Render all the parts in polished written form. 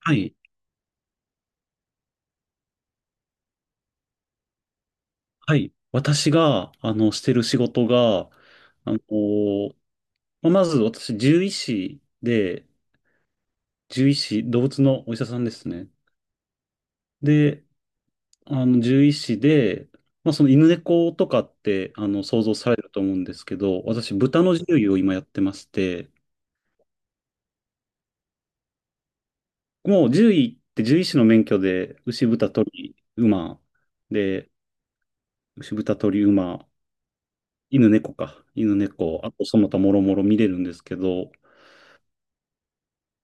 はい。はい。私が、してる仕事が、あの、まあまず私、獣医師で、獣医師、動物のお医者さんですね。で、獣医師で、まあ、その犬猫とかって、想像されると思うんですけど、私、豚の獣医を今やってまして、もう獣医って獣医師の免許で、牛、豚、鳥、馬、で、牛、豚、鳥、馬、犬、猫か。犬、猫、あとその他もろもろ見れるんですけど、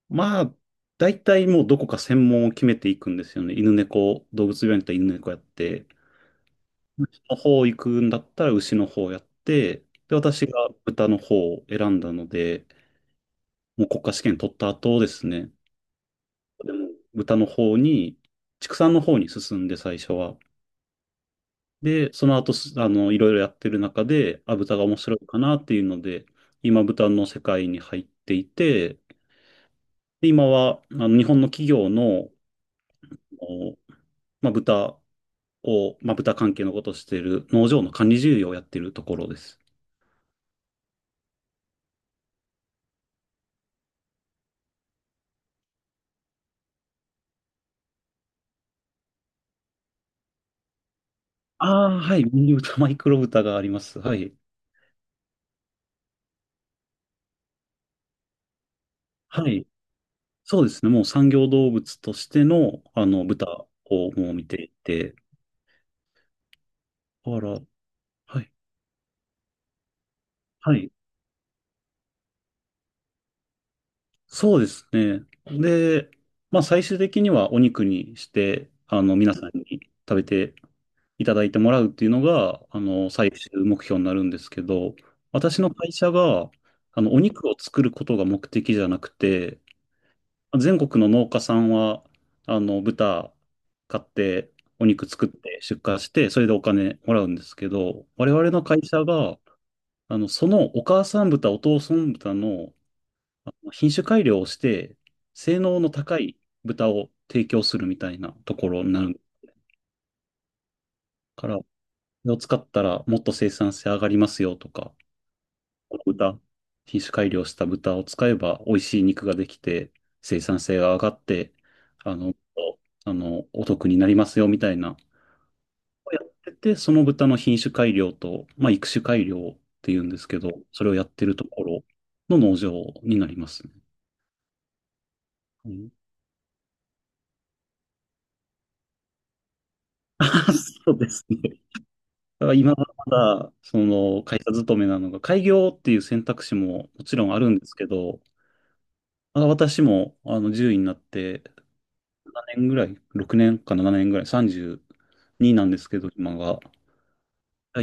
まあ、大体もうどこか専門を決めていくんですよね。犬猫、動物病院だったら犬猫やって、牛の方行くんだったら牛の方やって、で、私が豚の方を選んだので、もう国家試験取った後ですね、豚の方に、畜産の方に進んで最初は。で、その後す、いろいろやってる中で、あ、豚が面白いかなっていうので、今豚の世界に入っていて、で今は、日本の企業の、おまあ、豚を、まあ、豚関係のことをしている農場の管理事業をやっているところです。ああ、はい。ミニ豚、マイクロ豚があります。はい。はい。そうですね。もう産業動物としての、豚をもう見ていて。あら、はい。はい。そうですね。で、まあ、最終的にはお肉にして、皆さんに食べていただいてもらうっていうのが、最終目標になるんですけど、私の会社が、お肉を作ることが目的じゃなくて、全国の農家さんは、豚買って、お肉作って出荷して、それでお金もらうんですけど、我々の会社が、そのお母さん豚、お父さん豚の品種改良をして、性能の高い豚を提供するみたいなところになるから、それを使ったらもっと生産性上がりますよとか、豚、品種改良した豚を使えば美味しい肉ができて、生産性が上がって、あの、お得になりますよみたいな、やってて、その豚の品種改良と、まあ、育種改良っていうんですけど、それをやってるところの農場になりますね。うん そうですね。だから今はまだ、その会社勤めなのが、開業っていう選択肢ももちろんあるんですけど、まあ私もあの獣医になって、年ぐらい、6年か7年ぐらい、32なんですけど、今が。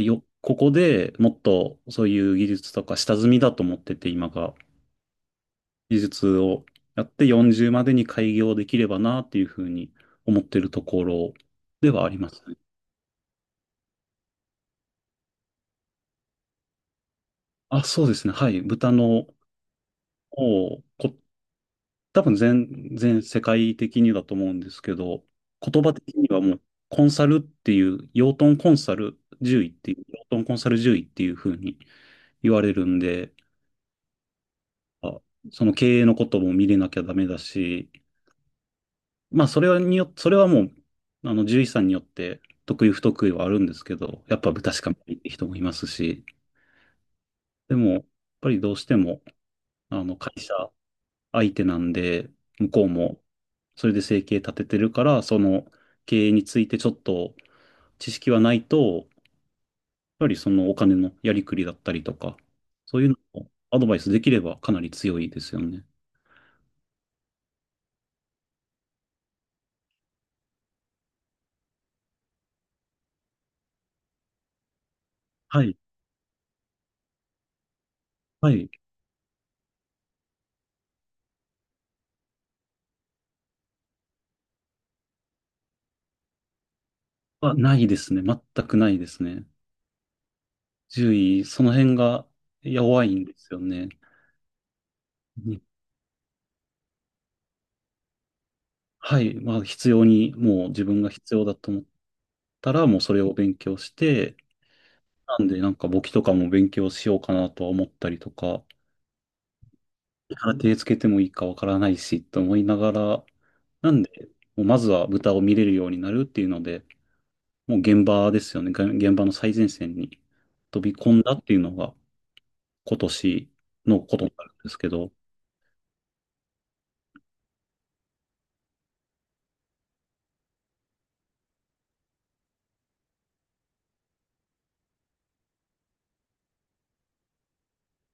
ここでもっとそういう技術とか下積みだと思ってて、今が。技術をやって40までに開業できればなっていうふうに思ってるところではありますね。あ、そうですね。はい。豚のをこ多分全世界的にだと思うんですけど、言葉的にはもうコンサルっていう、養豚コンサル獣医っていう、養豚コンサル獣医っていう風に言われるんで、あその経営のことも見れなきゃダメだし、まあそれはもう、あの獣医さんによって得意不得意はあるんですけど、やっぱ豚しか見ないって人もいますし、でも、やっぱりどうしても、あの会社相手なんで、向こうもそれで生計立ててるから、その経営についてちょっと知識はないと、やっぱりそのお金のやりくりだったりとか、そういうのをアドバイスできればかなり強いですよね。はい。はい。ないですね。全くないですね。獣医、その辺が弱いんですよね。にはい。まあ、必要に、もう自分が必要だと思ったら、もうそれを勉強して、なんで、なんか簿記とかも勉強しようかなとは思ったりとか、から手つけてもいいかわからないし、と思いながら、なんで、もうまずは豚を見れるようになるっていうので、もう現場ですよね。が現場の最前線に飛び込んだっていうのが今年のことになるんですけど、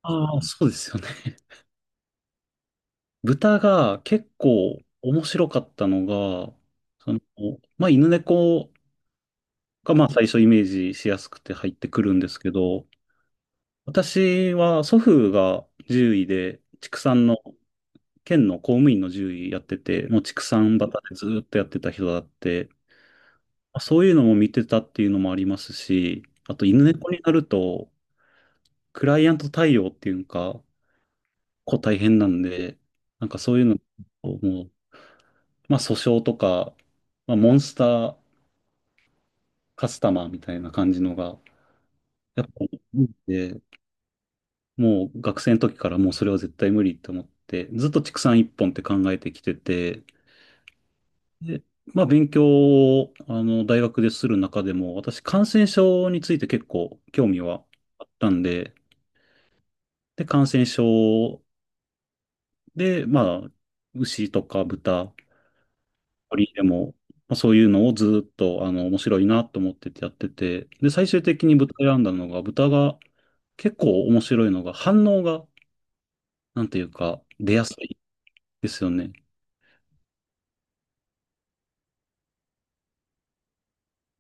ああ、そうですよね。豚が結構面白かったのが、その、まあ、犬猫がまあ最初イメージしやすくて入ってくるんですけど、私は祖父が獣医で畜産の県の公務員の獣医やってて、もう畜産畑でずーっとやってた人だって、まあそういうのも見てたっていうのもありますし、あと犬猫になると、クライアント対応っていうか、大変なんで、なんかそういうのをもう、まあ訴訟とか、まあモンスターカスタマーみたいな感じのが、やっぱりで、もう学生の時からもうそれは絶対無理って思って、ずっと畜産一本って考えてきてて、で、まあ、勉強を、大学でする中でも、私、感染症について結構興味はあったんで、で、感染症で、まあ、牛とか豚、鳥でも、まあ、そういうのをずっと、面白いなと思っててやってて、で、最終的に豚選んだのが、豚が結構面白いのが、反応が、なんていうか、出やすいですよね。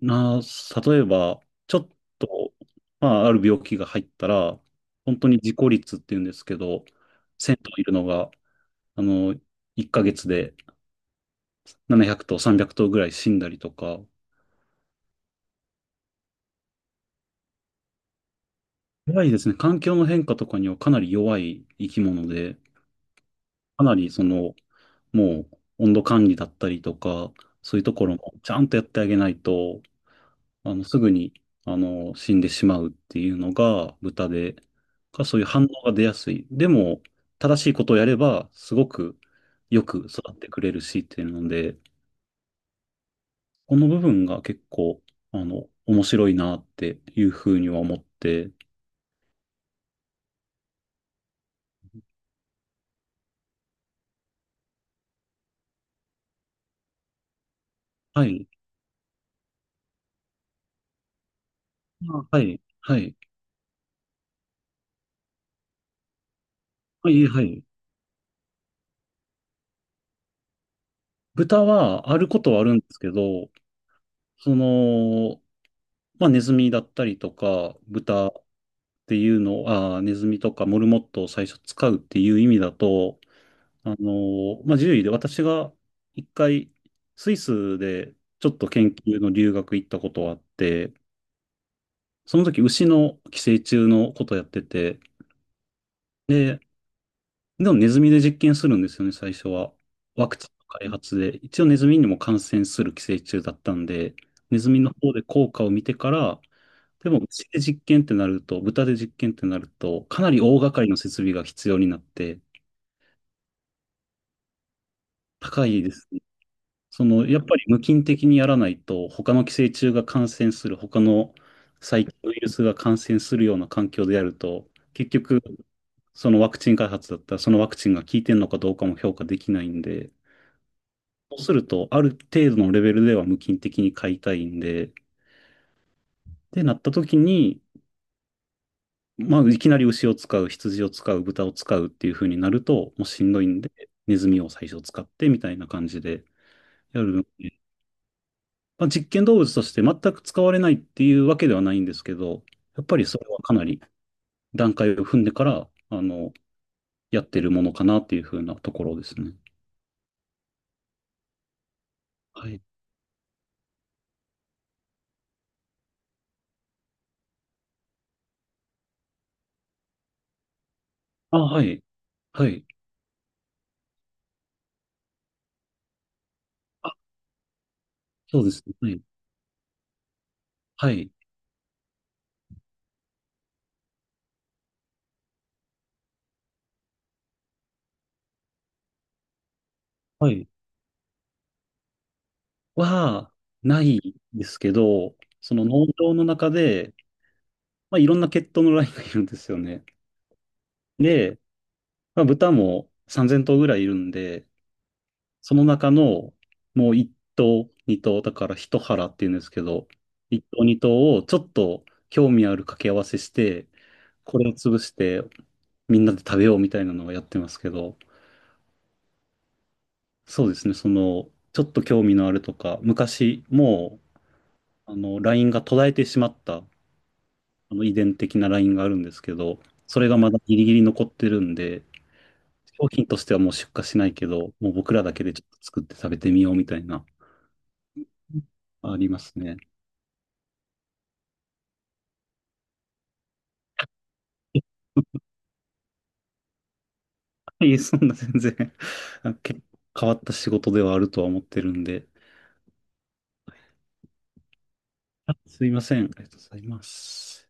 な、例えば、ちょっと、まあ、ある病気が入ったら、本当に自己率っていうんですけど、1000頭いるのが、あの、1ヶ月で700頭、300頭ぐらい死んだりとか、怖いですね。環境の変化とかにはかなり弱い生き物で、かなりもう温度管理だったりとか、そういうところもちゃんとやってあげないと、すぐに、死んでしまうっていうのが豚で、そういう反応が出やすい。でも、正しいことをやれば、すごくよく育ってくれるしっていうので、この部分が結構、面白いなっていうふうには思って、はい、あはい、はい、はい、はい。豚はあることはあるんですけど、その、まあ、ネズミだったりとか、豚っていうのを、ネズミとかモルモットを最初使うっていう意味だと、まあ、獣医で私が一回、スイスでちょっと研究の留学行ったことがあって、その時牛の寄生虫のことやってて、で、でもネズミで実験するんですよね、最初は。ワクチンの開発で。一応ネズミにも感染する寄生虫だったんで、ネズミの方で効果を見てから、でも、牛で実験ってなると、豚で実験ってなると、かなり大掛かりの設備が必要になって、高いですね。やっぱり無菌的にやらないと、他の寄生虫が感染する、他の細菌ウイルスが感染するような環境でやると、結局、そのワクチン開発だったら、そのワクチンが効いてるのかどうかも評価できないんで、そうすると、ある程度のレベルでは無菌的に飼いたいんで、で、なった時に、まあ、いきなり牛を使う、羊を使う、豚を使うっていう風になると、もうしんどいんで、ネズミを最初使ってみたいな感じでやるので、まあ、実験動物として全く使われないっていうわけではないんですけど、やっぱりそれはかなり段階を踏んでから、やってるものかなっていう風なところですね。はい。あ、はい。はい。そうですね。はい。はい。はいは、ないですけど、その農場の中で、まあ、いろんな血統のラインがいるんですよね。で、まあ、豚も3000頭ぐらいいるんで、その中のもう一頭、二頭、だから一腹っていうんですけど、一頭、二頭をちょっと興味ある掛け合わせして、これを潰してみんなで食べようみたいなのをやってますけど、そうですね、ちょっと興味のあるとか、昔もう、ラインが途絶えてしまった、あの遺伝的なラインがあるんですけど、それがまだギリギリ残ってるんで、商品としてはもう出荷しないけど、もう僕らだけでちょっと作って食べてみようみたいなありますね。いえ、そんな全然 あ結構変わった仕事ではあるとは思ってるんで。あすいません。ありがとうございます。